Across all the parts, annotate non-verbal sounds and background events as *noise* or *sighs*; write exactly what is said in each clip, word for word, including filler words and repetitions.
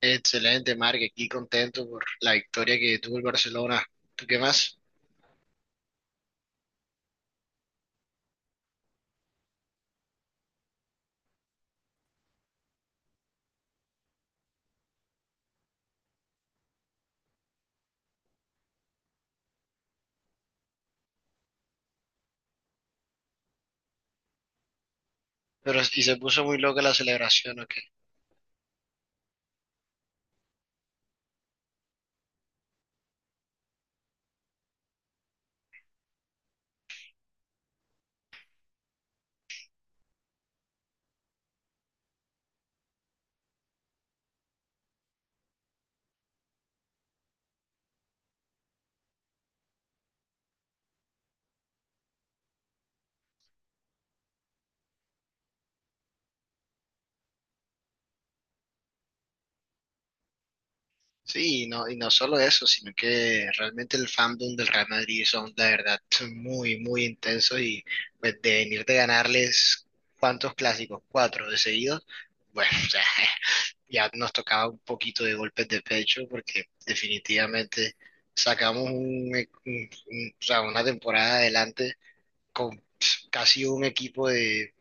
Excelente, Marc, aquí contento por la victoria que tuvo el Barcelona. ¿Tú qué más? Pero y se puso muy loca la celebración, ¿ok? Sí, y no, y no solo eso, sino que realmente el fandom del Real Madrid son, la verdad, muy, muy intensos y pues de venir de ganarles cuántos clásicos, cuatro de seguido, bueno, *laughs* o sea, ya nos tocaba un poquito de golpes de pecho porque definitivamente sacamos un, un- un- o sea, una temporada adelante con casi un equipo de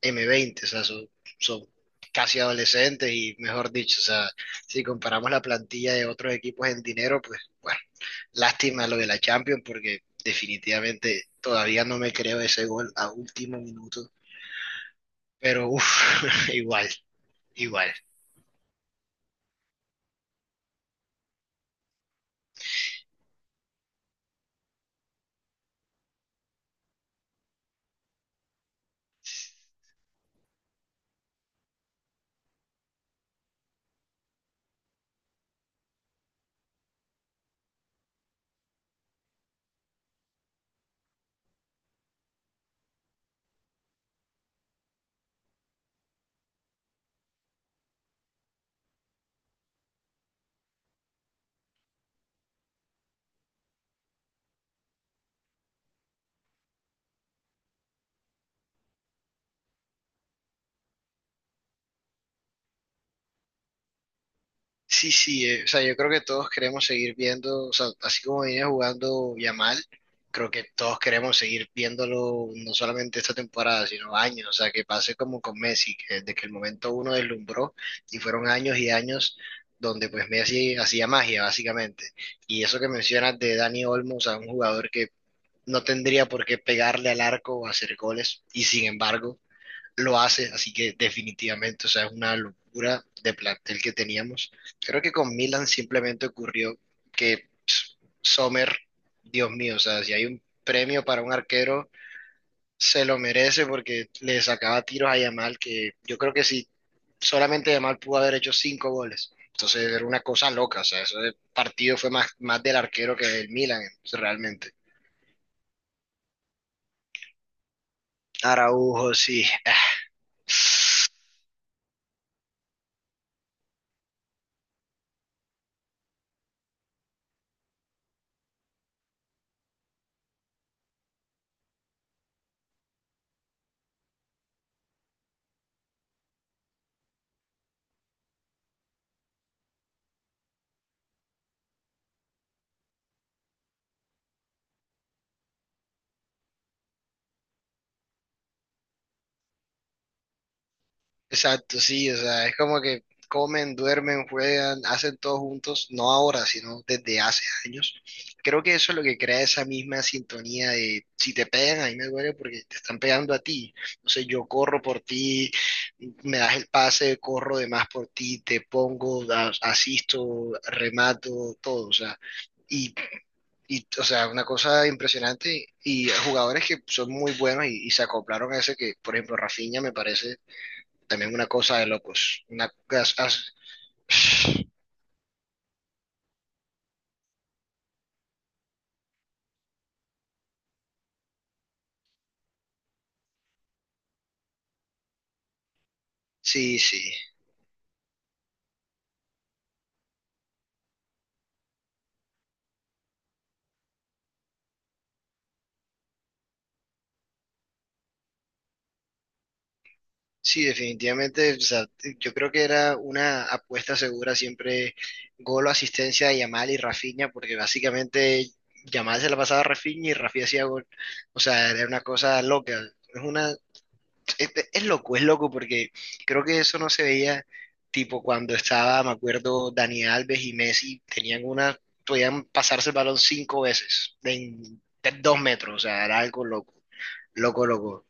eme veinte, o sea, son, son casi adolescentes y mejor dicho, o sea, si comparamos la plantilla de otros equipos en dinero, pues bueno, lástima lo de la Champions porque definitivamente todavía no me creo ese gol a último minuto, pero uff, *laughs* igual, igual. Sí, sí, eh, o sea, yo creo que todos queremos seguir viendo, o sea, así como viene jugando Yamal, creo que todos queremos seguir viéndolo no solamente esta temporada, sino años, o sea, que pase como con Messi, que desde que el momento uno deslumbró y fueron años y años donde pues Messi hacía magia, básicamente. Y eso que mencionas de Dani Olmo, o sea, un jugador que no tendría por qué pegarle al arco o hacer goles, y sin embargo lo hace, así que definitivamente, o sea, es una locura de plantel que teníamos. Creo que con Milan simplemente ocurrió que Sommer, Dios mío, o sea, si hay un premio para un arquero, se lo merece porque le sacaba tiros a Yamal, que yo creo que si solamente Yamal pudo haber hecho cinco goles. Entonces era una cosa loca, o sea, ese partido fue más, más del arquero que del Milan, realmente. Araujo, sí. *sighs* Exacto, sí, o sea, es como que comen, duermen, juegan, hacen todo juntos, no ahora, sino desde hace años. Creo que eso es lo que crea esa misma sintonía de si te pegan, a mí me duele porque te están pegando a ti. Entonces yo corro por ti, me das el pase, corro de más por ti, te pongo, da- asisto, remato, todo, o sea. Y, y, o sea, una cosa impresionante y jugadores que son muy buenos y, y se acoplaron a ese que, por ejemplo, Rafinha me parece también una cosa de locos. Una, as- as- *sighs* sí, sí, sí, definitivamente. O sea, yo creo que era una apuesta segura siempre gol o asistencia de Yamal y Rafinha, porque básicamente Yamal se la pasaba a Rafinha y Rafinha hacía gol. O sea, era una cosa loca. Es una, Es, es loco, es loco porque creo que eso no se veía tipo cuando estaba, me acuerdo, Dani Alves y Messi tenían una, podían pasarse el balón cinco veces en de dos metros, o sea, era algo loco, loco, loco.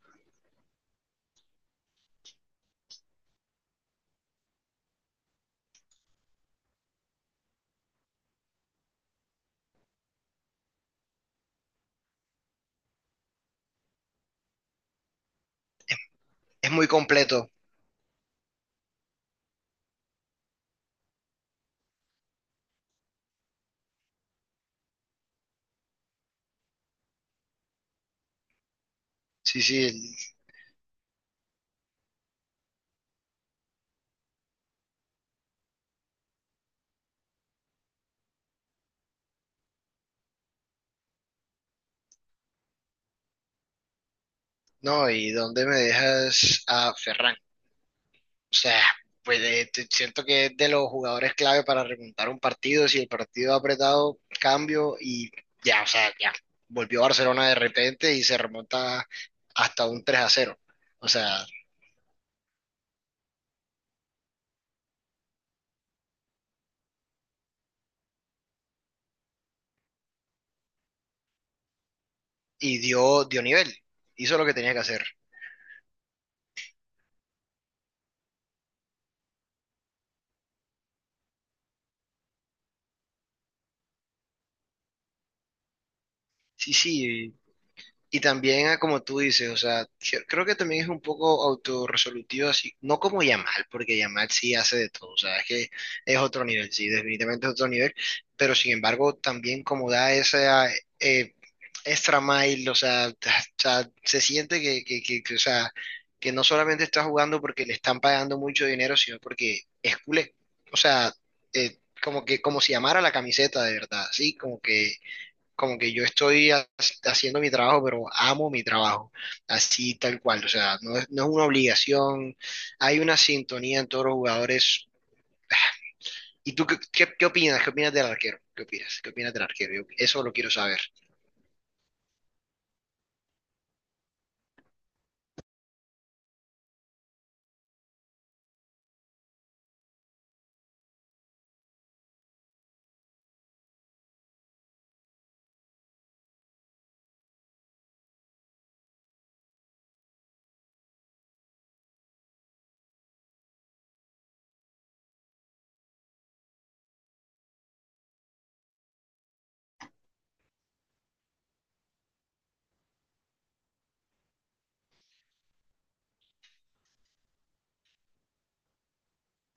Es muy completo. Sí, sí, no, ¿y dónde me dejas a Ferran? O sea, pues eh, te- siento que es de los jugadores clave para remontar un partido. Si el partido ha apretado, cambio y ya, o sea, ya. Volvió Barcelona de repente y se remonta hasta un tres a cero. O sea, y dio, dio nivel. Hizo lo que tenía que hacer. Sí, sí. Y también, ah, como tú dices, o sea, que- creo que también es un poco autorresolutivo, así, no como Yamal, porque Yamal sí hace de todo, o sea, es que es otro nivel, sí, definitivamente es otro nivel, pero sin embargo, también como da esa eh, extra mile, o sea, t- o sea, se siente que, que, que, que, o sea, que no solamente está jugando porque le están pagando mucho dinero, sino porque es culé, o sea, eh, como que, como si amara la camiseta de verdad, sí, como que como que yo estoy ha- haciendo mi trabajo, pero amo mi trabajo, así tal cual, o sea, no es, no es una obligación, hay una sintonía en todos los jugadores. ¿Y tú qué, qué, qué opinas? ¿Qué opinas del arquero? ¿Qué opinas? ¿Qué opinas del arquero? Yo- eso lo quiero saber.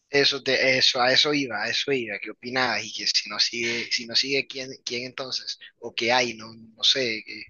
Eso te, eso, a eso iba, a eso iba, ¿qué opinabas? Y que si no sigue, si no sigue, ¿quién, quién entonces? O qué hay, no, no sé, que-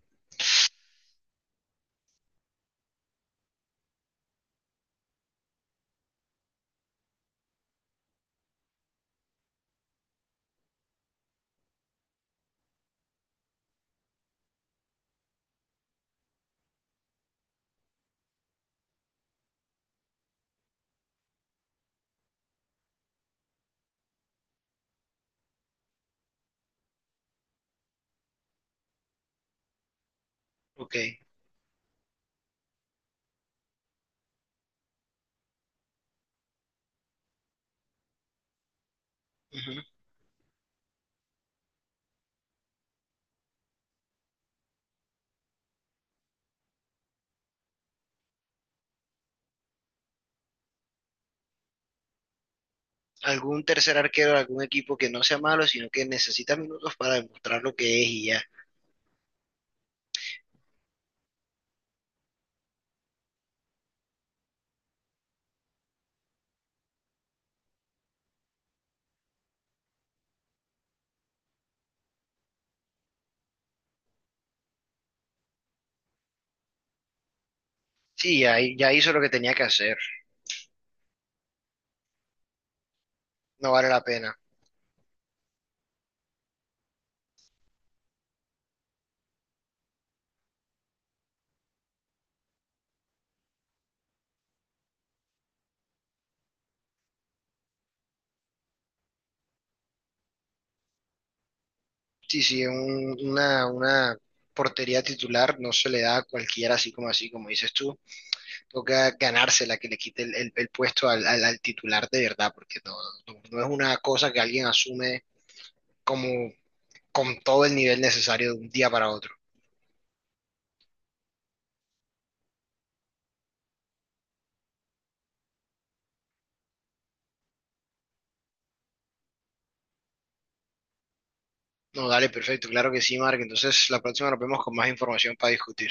ok. Ujú. ¿Algún tercer arquero de algún equipo que no sea malo, sino que necesita minutos para demostrar lo que es y ya? Sí, ya, hi- ya hizo lo que tenía que hacer. No vale la pena. Sí, sí, un- una, una portería titular no se le da a cualquiera así como así, como dices tú. Toca ganársela que le quite el, el- el puesto al, al- al titular de verdad, porque no, no- no es una cosa que alguien asume como con todo el nivel necesario de un día para otro. No, dale, perfecto, claro que sí, Mark. Entonces la próxima nos vemos con más información para discutir.